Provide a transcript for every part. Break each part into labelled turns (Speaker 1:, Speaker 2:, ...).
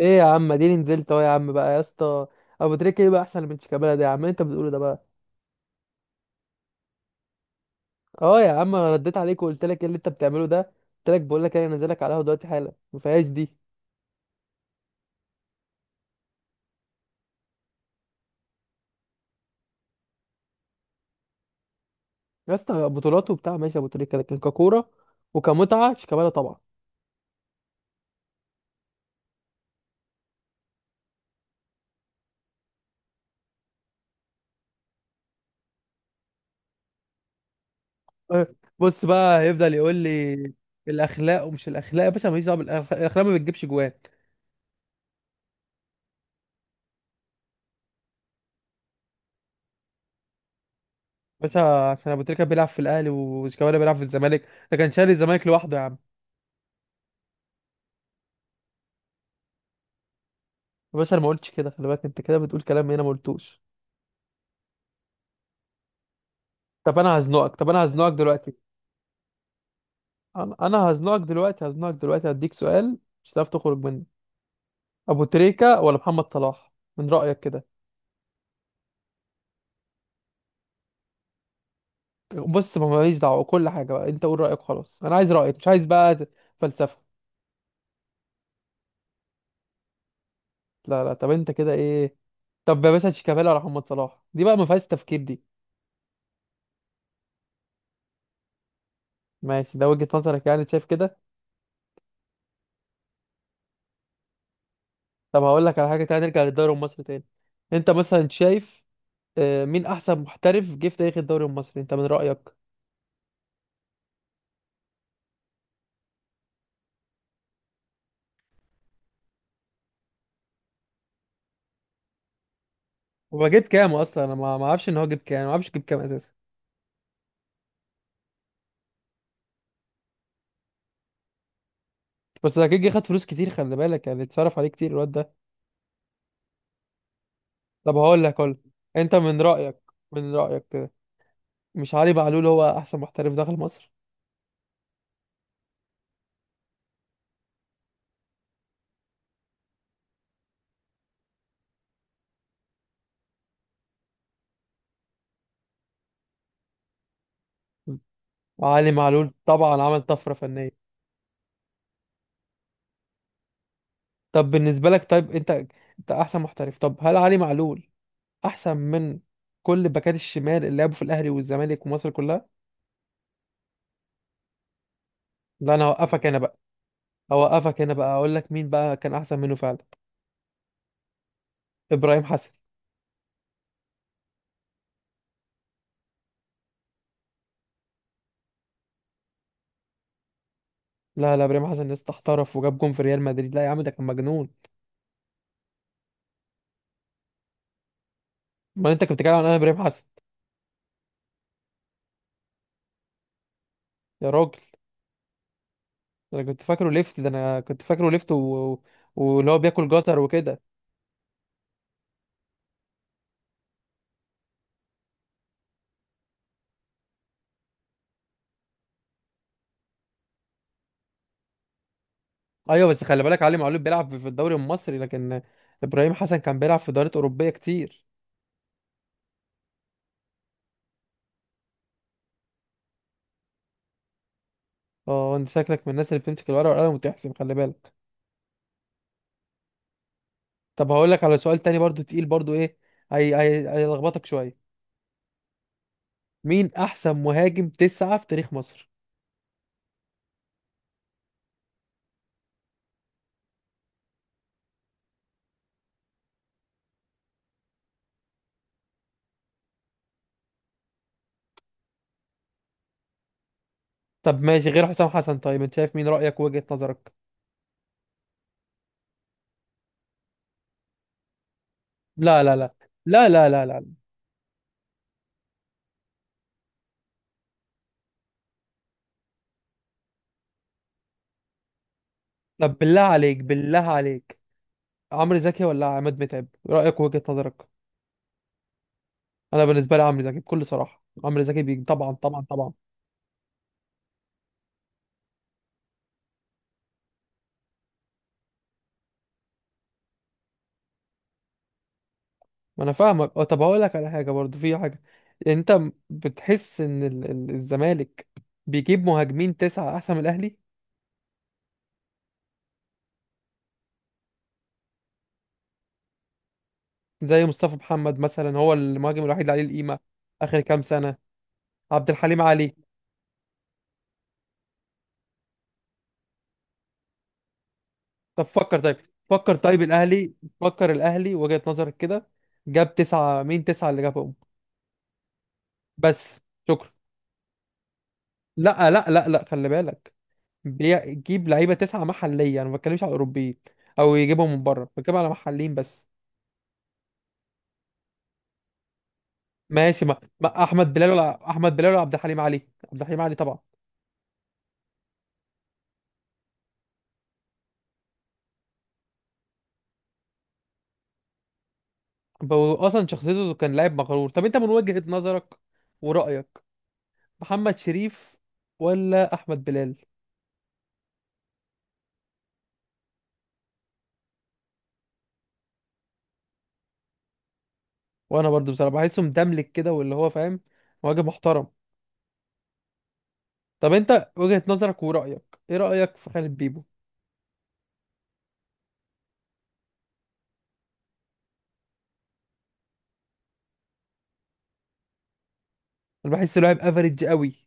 Speaker 1: ايه يا عم، اديني نزلت اهو يا عم بقى يا اسطى. ابو تريكه ايه بقى احسن من شيكابالا ده يا عم؟ إيه انت بتقوله ده بقى؟ اه يا عم، أنا رديت عليك وقلت لك ايه اللي انت بتعمله ده؟ قلت لك بقول لك إيه، انا نازلك على القهوه دلوقتي حالا، ما فيهاش دي. يا اسطى بطولات وبتاع، ماشي ابو تريكه، لكن ككوره وكمتعه شيكابالا طبعا. أه. بص بقى، هيفضل يقول لي الاخلاق ومش الاخلاق. يا باشا ماليش دعوه بالاخلاق، الاخلاق ما بتجيبش جوان. باشا، عشان ابو تريكه بيلعب في الاهلي وشيكابالا بيلعب في الزمالك، ده كان شاري الزمالك لوحده يا عم. يا باشا انا ما قلتش كده، خلي بالك انت كده بتقول كلام هنا ما قلتوش. طب انا هزنقك دلوقتي. انا هزنقك دلوقتي، هديك سؤال مش هتعرف تخرج منه. ابو تريكة ولا محمد صلاح من رأيك كده؟ بص، ما ماليش دعوة كل حاجة بقى، انت قول رأيك خلاص، انا عايز رأيك مش عايز بقى فلسفة. لا لا، طب انت كده ايه؟ طب يا باشا، شيكابالا ولا محمد صلاح، دي بقى ما فيهاش تفكير دي. ماشي، ده وجهة نظرك يعني، شايف كده. طب هقول لك على حاجة تانية، نرجع للدوري المصري تاني. انت مثلا شايف مين احسن محترف جه في تاريخ الدوري المصري انت من رأيك؟ هو جاب كام اصلا؟ انا ما اعرفش ان هو جاب كام، ما اعرفش جاب كام اساسا. بس ده كيجي خد فلوس كتير خلي بالك، يعني اتصرف عليه كتير الواد ده. طب هقول لك. انت من رايك، كده مش علي معلول هو احسن محترف دخل مصر؟ علي معلول طبعا عمل طفره فنيه. طب بالنسبه لك طيب، انت انت احسن محترف، طب هل علي معلول احسن من كل باكات الشمال اللي لعبوا في الاهلي والزمالك ومصر كلها؟ لا، انا هوقفك هنا بقى، اقول لك مين بقى كان احسن منه فعلا. ابراهيم حسن. لا لا، ابراهيم حسن لسه احترف وجاب جون في ريال مدريد، لا يا عم ده كان مجنون. امال انت كنت بتتكلم عن انا؟ ابراهيم حسن. يا راجل، ده انا كنت فاكره ليفت ده انا كنت فاكره ليفت و... واللي هو بياكل جزر وكده. ايوه بس خلي بالك، علي معلول بيلعب في الدوري المصري، لكن ابراهيم حسن كان بيلعب في دوريات اوروبيه كتير. اه، انت شكلك من الناس اللي بتمسك الورقه والقلم وتحسب، خلي بالك. طب هقول لك على سؤال تاني برضو، تقيل برضو، ايه، هي هيلخبطك شويه. مين احسن مهاجم تسعة في تاريخ مصر؟ طب ماشي، غير حسام حسن، طيب انت شايف مين رأيك وجهة نظرك؟ لا لا لا لا. لا لا لا. طب بالله عليك، عمرو زكي ولا عماد متعب رأيك وجهة نظرك؟ انا بالنسبة لي عمرو زكي، بكل صراحة عمرو زكي بيجي طبعا طبعا طبعا. ما انا فاهمك. طب هقول لك على حاجة برضو، في حاجة. انت بتحس ان الزمالك بيجيب مهاجمين تسعة احسن من الاهلي، زي مصطفى محمد مثلا، هو المهاجم الوحيد اللي عليه القيمة اخر كام سنة؟ عبد الحليم علي. طب فكر طيب، الاهلي فكر الاهلي وجهة نظرك كده، جاب تسعة مين؟ تسعة اللي جابهم بس؟ شكرا. لا لا لا لا، خلي بالك، بيجيب لعيبه تسعه محليه، انا ما بتكلمش على اوروبيين او يجيبهم من بره، بتكلم على محليين بس. ماشي، ما احمد بلال ولا احمد بلال ولا عبد الحليم علي؟ عبد الحليم علي طبعا. هو اصلا شخصيته كان لاعب مغرور. طب انت من وجهة نظرك ورايك، محمد شريف ولا احمد بلال؟ وانا برضو بصراحه بحسه مدملك كده، واللي هو فاهم مواجه محترم. طب انت وجهة نظرك ورايك، ايه رايك في خالد بيبو؟ انا بحسه لاعب افريج قوي.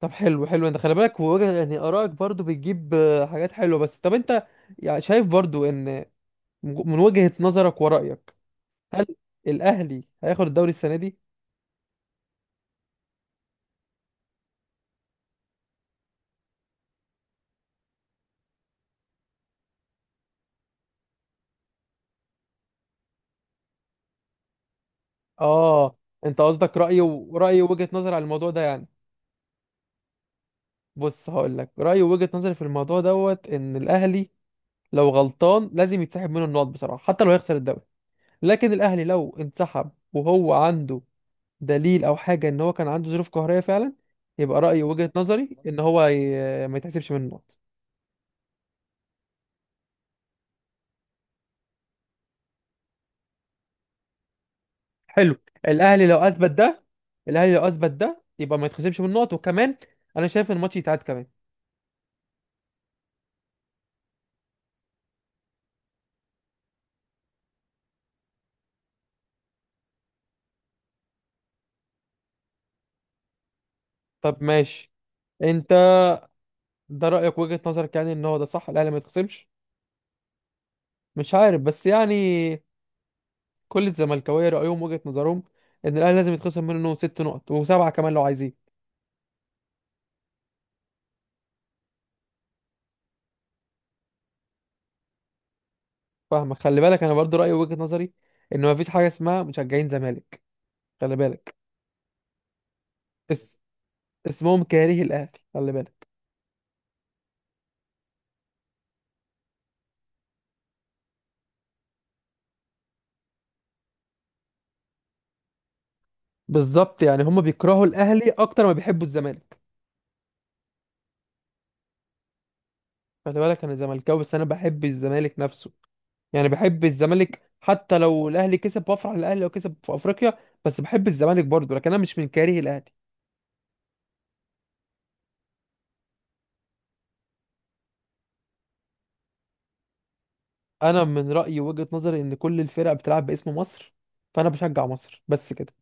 Speaker 1: طب حلو حلو، انت خلي بالك، وجه يعني آرائك برضو بتجيب حاجات حلوة، بس طب انت يعني شايف برضو ان من وجهة نظرك ورأيك، هل الأهلي هياخد الدوري السنة دي؟ اه، انت قصدك رأيي ووجهة نظري على الموضوع ده يعني. بص هقول لك رأيي ووجهة نظري في الموضوع، دوت ان الأهلي لو غلطان لازم يتسحب منه النقط بصراحة، حتى لو هيخسر الدوري، لكن الأهلي لو انسحب وهو عنده دليل او حاجه ان هو كان عنده ظروف قهريه فعلا، يبقى رايي وجهه نظري ان هو ما يتحسبش من النقط. حلو، الاهلي لو اثبت ده الاهلي لو اثبت ده يبقى ما يتحسبش من النقط، وكمان انا شايف ان الماتش يتعاد كمان. طب ماشي، انت ده رايك وجهه نظرك يعني، ان هو ده صح، الاهلي ما يتخصمش؟ مش عارف بس يعني، كل الزملكاويه رايهم وجهه نظرهم ان الاهلي لازم يتخصم منه 6 نقط و7 كمان لو عايزين. فاهمك خلي بالك، انا برضو رايي وجهه نظري ان ما فيش حاجه اسمها مشجعين زمالك. خلي بالك، اسمهم كاره الاهلي. خلي بالك، بالظبط، يعني هم بيكرهوا الاهلي اكتر ما بيحبوا الزمالك. خلي بالك، انا زملكاوي بس انا بحب الزمالك نفسه، يعني بحب الزمالك حتى لو الاهلي كسب، بفرح للاهلي لو كسب في افريقيا، بس بحب الزمالك برضه، لكن انا مش من كاره الاهلي. انا من رايي وجهة نظري ان كل الفرق بتلعب باسم مصر، فانا بشجع مصر بس كده.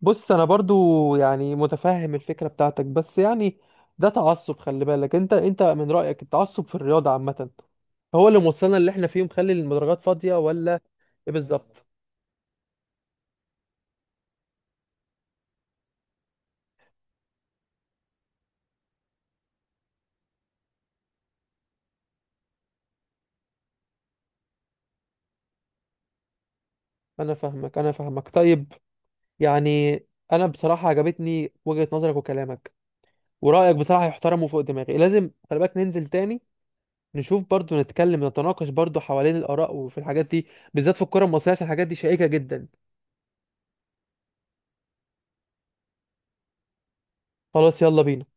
Speaker 1: بص انا برضو يعني متفهم الفكره بتاعتك، بس يعني ده تعصب، خلي بالك انت من رايك التعصب في الرياضه عامه هو اللي موصلنا اللي احنا فيه، مخلي المدرجات فاضيه ولا ايه بالظبط؟ انا فاهمك طيب، يعني انا بصراحه عجبتني وجهه نظرك وكلامك ورايك بصراحه، يحترم وفوق دماغي. لازم خلي بالك ننزل تاني، نشوف برضو، نتكلم نتناقش برضو حوالين الاراء وفي الحاجات دي، بالذات في الكره المصريه، عشان الحاجات دي شائكه جدا. خلاص يلا بينا.